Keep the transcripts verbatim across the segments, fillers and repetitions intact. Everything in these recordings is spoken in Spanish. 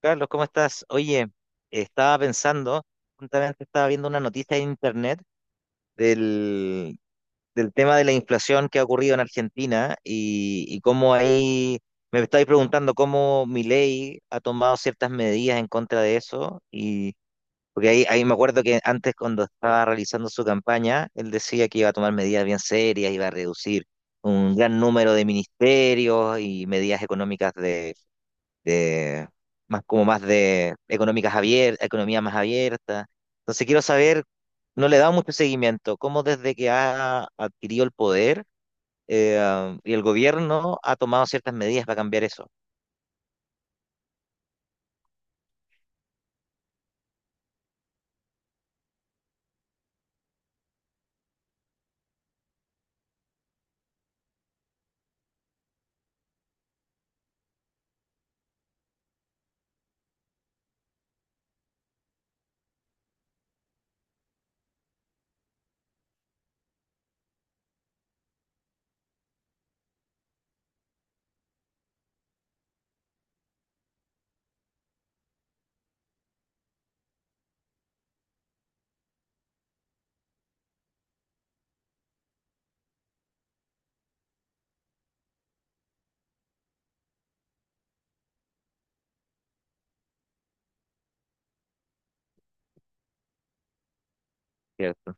Carlos, ¿cómo estás? Oye, estaba pensando, justamente estaba viendo una noticia en internet del, del tema de la inflación que ha ocurrido en Argentina y, y cómo ahí me estáis preguntando cómo Milei ha tomado ciertas medidas en contra de eso. Y porque ahí, ahí me acuerdo que antes, cuando estaba realizando su campaña, él decía que iba a tomar medidas bien serias, iba a reducir un gran número de ministerios y medidas económicas de más como más de económicas abiertas, economía más abierta. Entonces quiero saber, no le he dado mucho seguimiento, cómo desde que ha adquirido el poder eh, y el gobierno ha tomado ciertas medidas para cambiar eso, ¿cierto?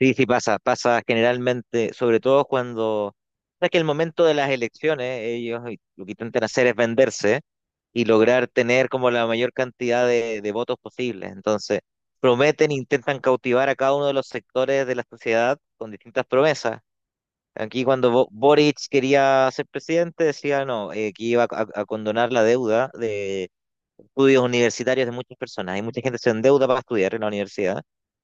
Sí, sí pasa, pasa generalmente, sobre todo cuando, sabes que el momento de las elecciones, ellos lo que intentan hacer es venderse y lograr tener como la mayor cantidad de, de votos posibles. Entonces, prometen, intentan cautivar a cada uno de los sectores de la sociedad con distintas promesas. Aquí cuando Bo- Boric quería ser presidente, decía no, eh, que iba a, a- condonar la deuda de estudios universitarios de muchas personas. Hay mucha gente que se endeuda para estudiar en la universidad.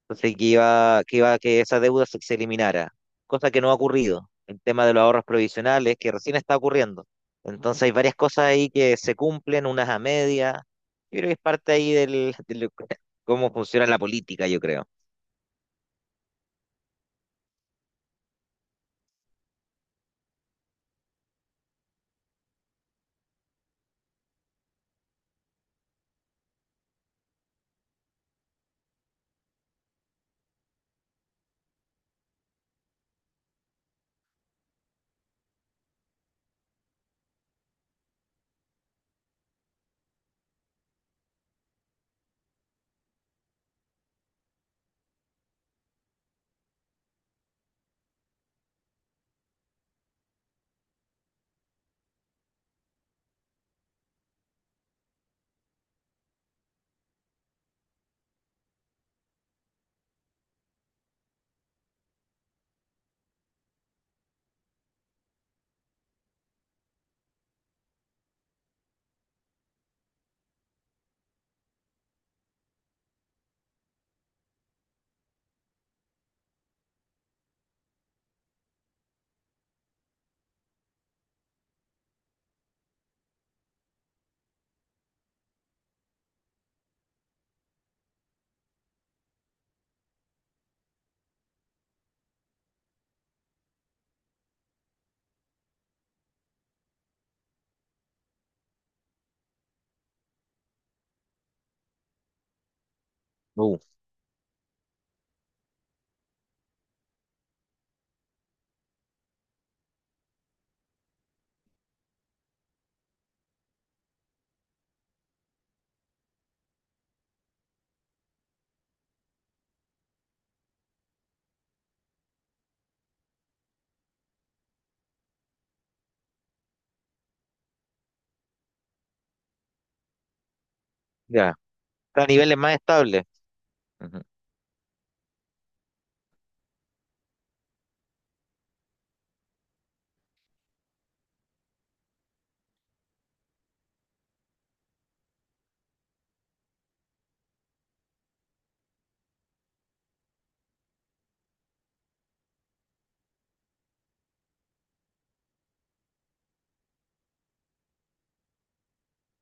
Entonces, que iba, que iba a que esa deuda se, se eliminara, cosa que no ha ocurrido. El tema de los ahorros provisionales, que recién está ocurriendo. Entonces, hay varias cosas ahí que se cumplen, unas a medias. Yo creo que es parte ahí del, del- cómo funciona la política, yo creo. Uh, ya. Está a niveles más estables. Ujú.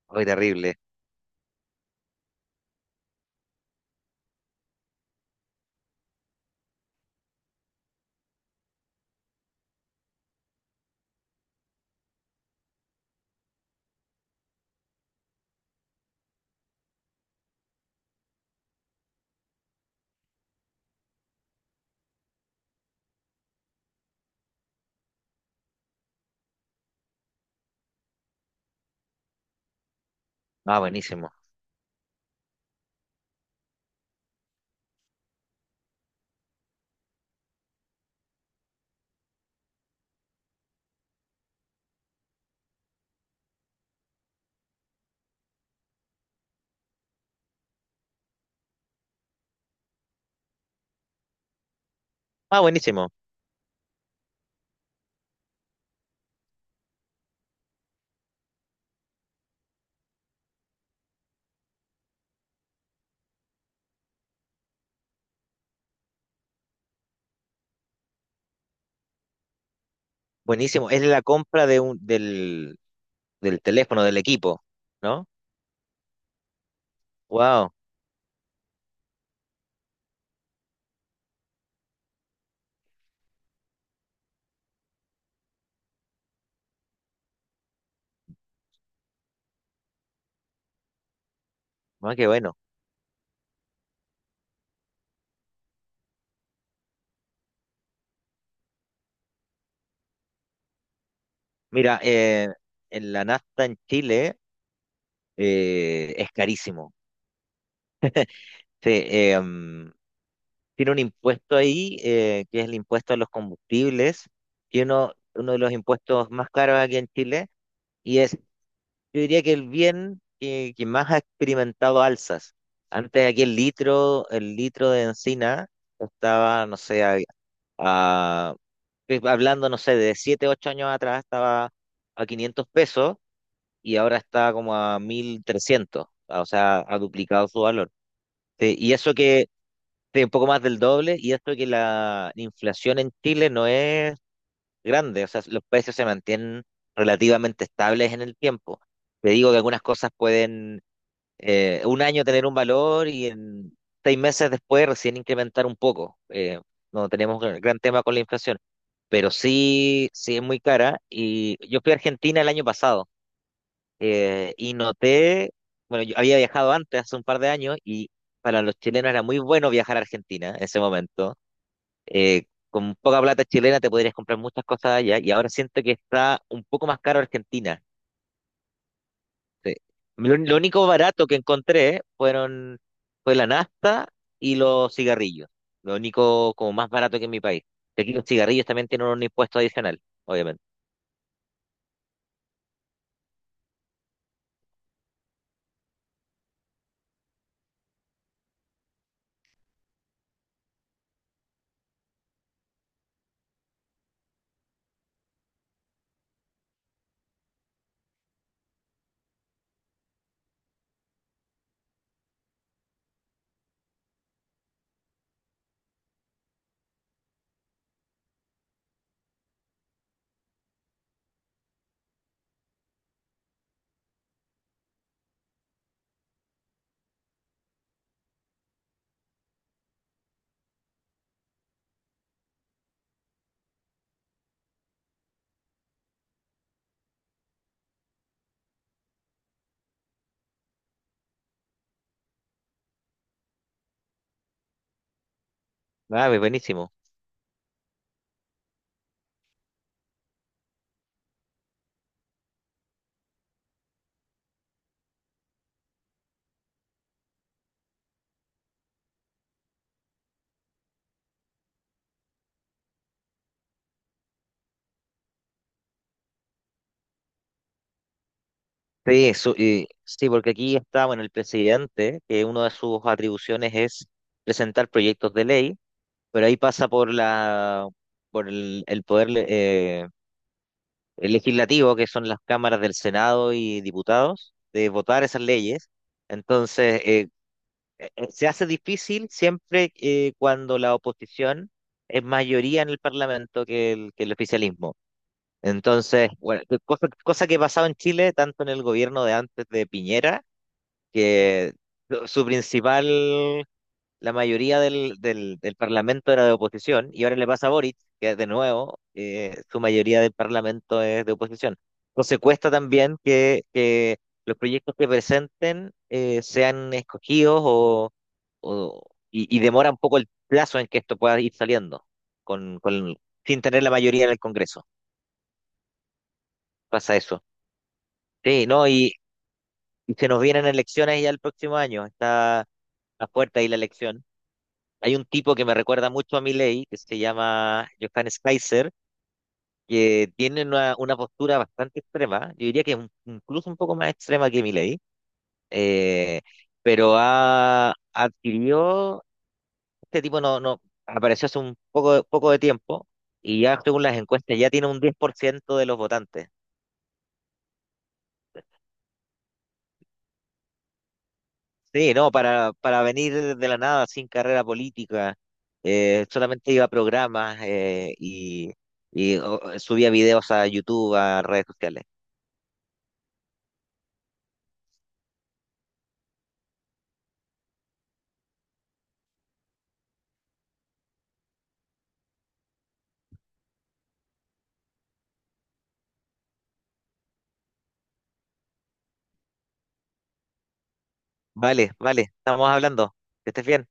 Ay, terrible. Ah, buenísimo. Ah, buenísimo. Buenísimo. Es la compra de un, del, del teléfono, del equipo, ¿no? Wow. No, qué bueno. Mira, eh, en la nafta en Chile eh, es carísimo. Sí, eh, mm, tiene un impuesto ahí, eh, que es el impuesto a los combustibles, que uno, uno de los impuestos más caros aquí en Chile, y es, yo diría que el bien que, que más ha experimentado alzas. Antes aquí el litro, el litro de encina estaba, no sé, a, a- hablando, no sé, de siete ocho años atrás estaba a quinientos pesos y ahora está como a mil trescientos. O sea, ha duplicado su valor. Sí, y eso que, sí, un poco más del doble, y esto que la inflación en Chile no es grande, o sea, los precios se mantienen relativamente estables en el tiempo. Te digo que algunas cosas pueden eh, un año tener un valor y en seis meses después recién incrementar un poco. Eh, no tenemos gran gran tema con la inflación, pero sí, sí es muy cara. Y yo fui a Argentina el año pasado eh, y noté, bueno, yo había viajado antes, hace un par de años, y para los chilenos era muy bueno viajar a Argentina en ese momento. Eh, con poca plata chilena te podrías comprar muchas cosas allá, y ahora siento que está un poco más caro Argentina. Sí. Lo, lo único barato que encontré fueron, fue la nafta y los cigarrillos. Lo único como más barato que en mi país. Aquí los cigarrillos también tienen un impuesto adicional, obviamente. Ah, pues buenísimo. Sí, eso, eh, sí, porque aquí está, bueno, el presidente, que una de sus atribuciones es presentar proyectos de ley, pero ahí pasa por la, por el, el poder le- eh, el legislativo, que son las cámaras del Senado y diputados, de votar esas leyes. Entonces, eh, eh, eh, se hace difícil siempre eh, cuando la oposición es mayoría en el Parlamento que el, que el oficialismo. Entonces, bueno, cosa, cosa que pasaba en Chile, tanto en el gobierno de antes de Piñera, que su su principal, la mayoría del, del, del Parlamento era de oposición, y ahora le pasa a Boric, que de nuevo eh, su mayoría del Parlamento es de oposición. Entonces cuesta también que, que los proyectos que presenten eh, sean escogidos o, o- y, y demora un poco el plazo en que esto pueda ir saliendo, con, con, sin tener la mayoría en el Congreso. Pasa eso. Sí, no, y, y se nos vienen elecciones ya el próximo año, está a puerta ahí la elección. Hay un tipo que me recuerda mucho a Milei, que se llama Johannes Kaiser, que tiene una, una postura bastante extrema, yo diría que un- incluso un poco más extrema que Milei, eh, pero ha adquirió, este tipo no, no apareció hace un poco, poco de tiempo y ya según las encuestas ya tiene un diez por ciento de los votantes. Sí, no, para, para venir de la nada sin carrera política, eh, solamente iba a programas eh, y, y, oh, subía videos a YouTube, a redes sociales. Vale, vale, estamos hablando. Que estés bien.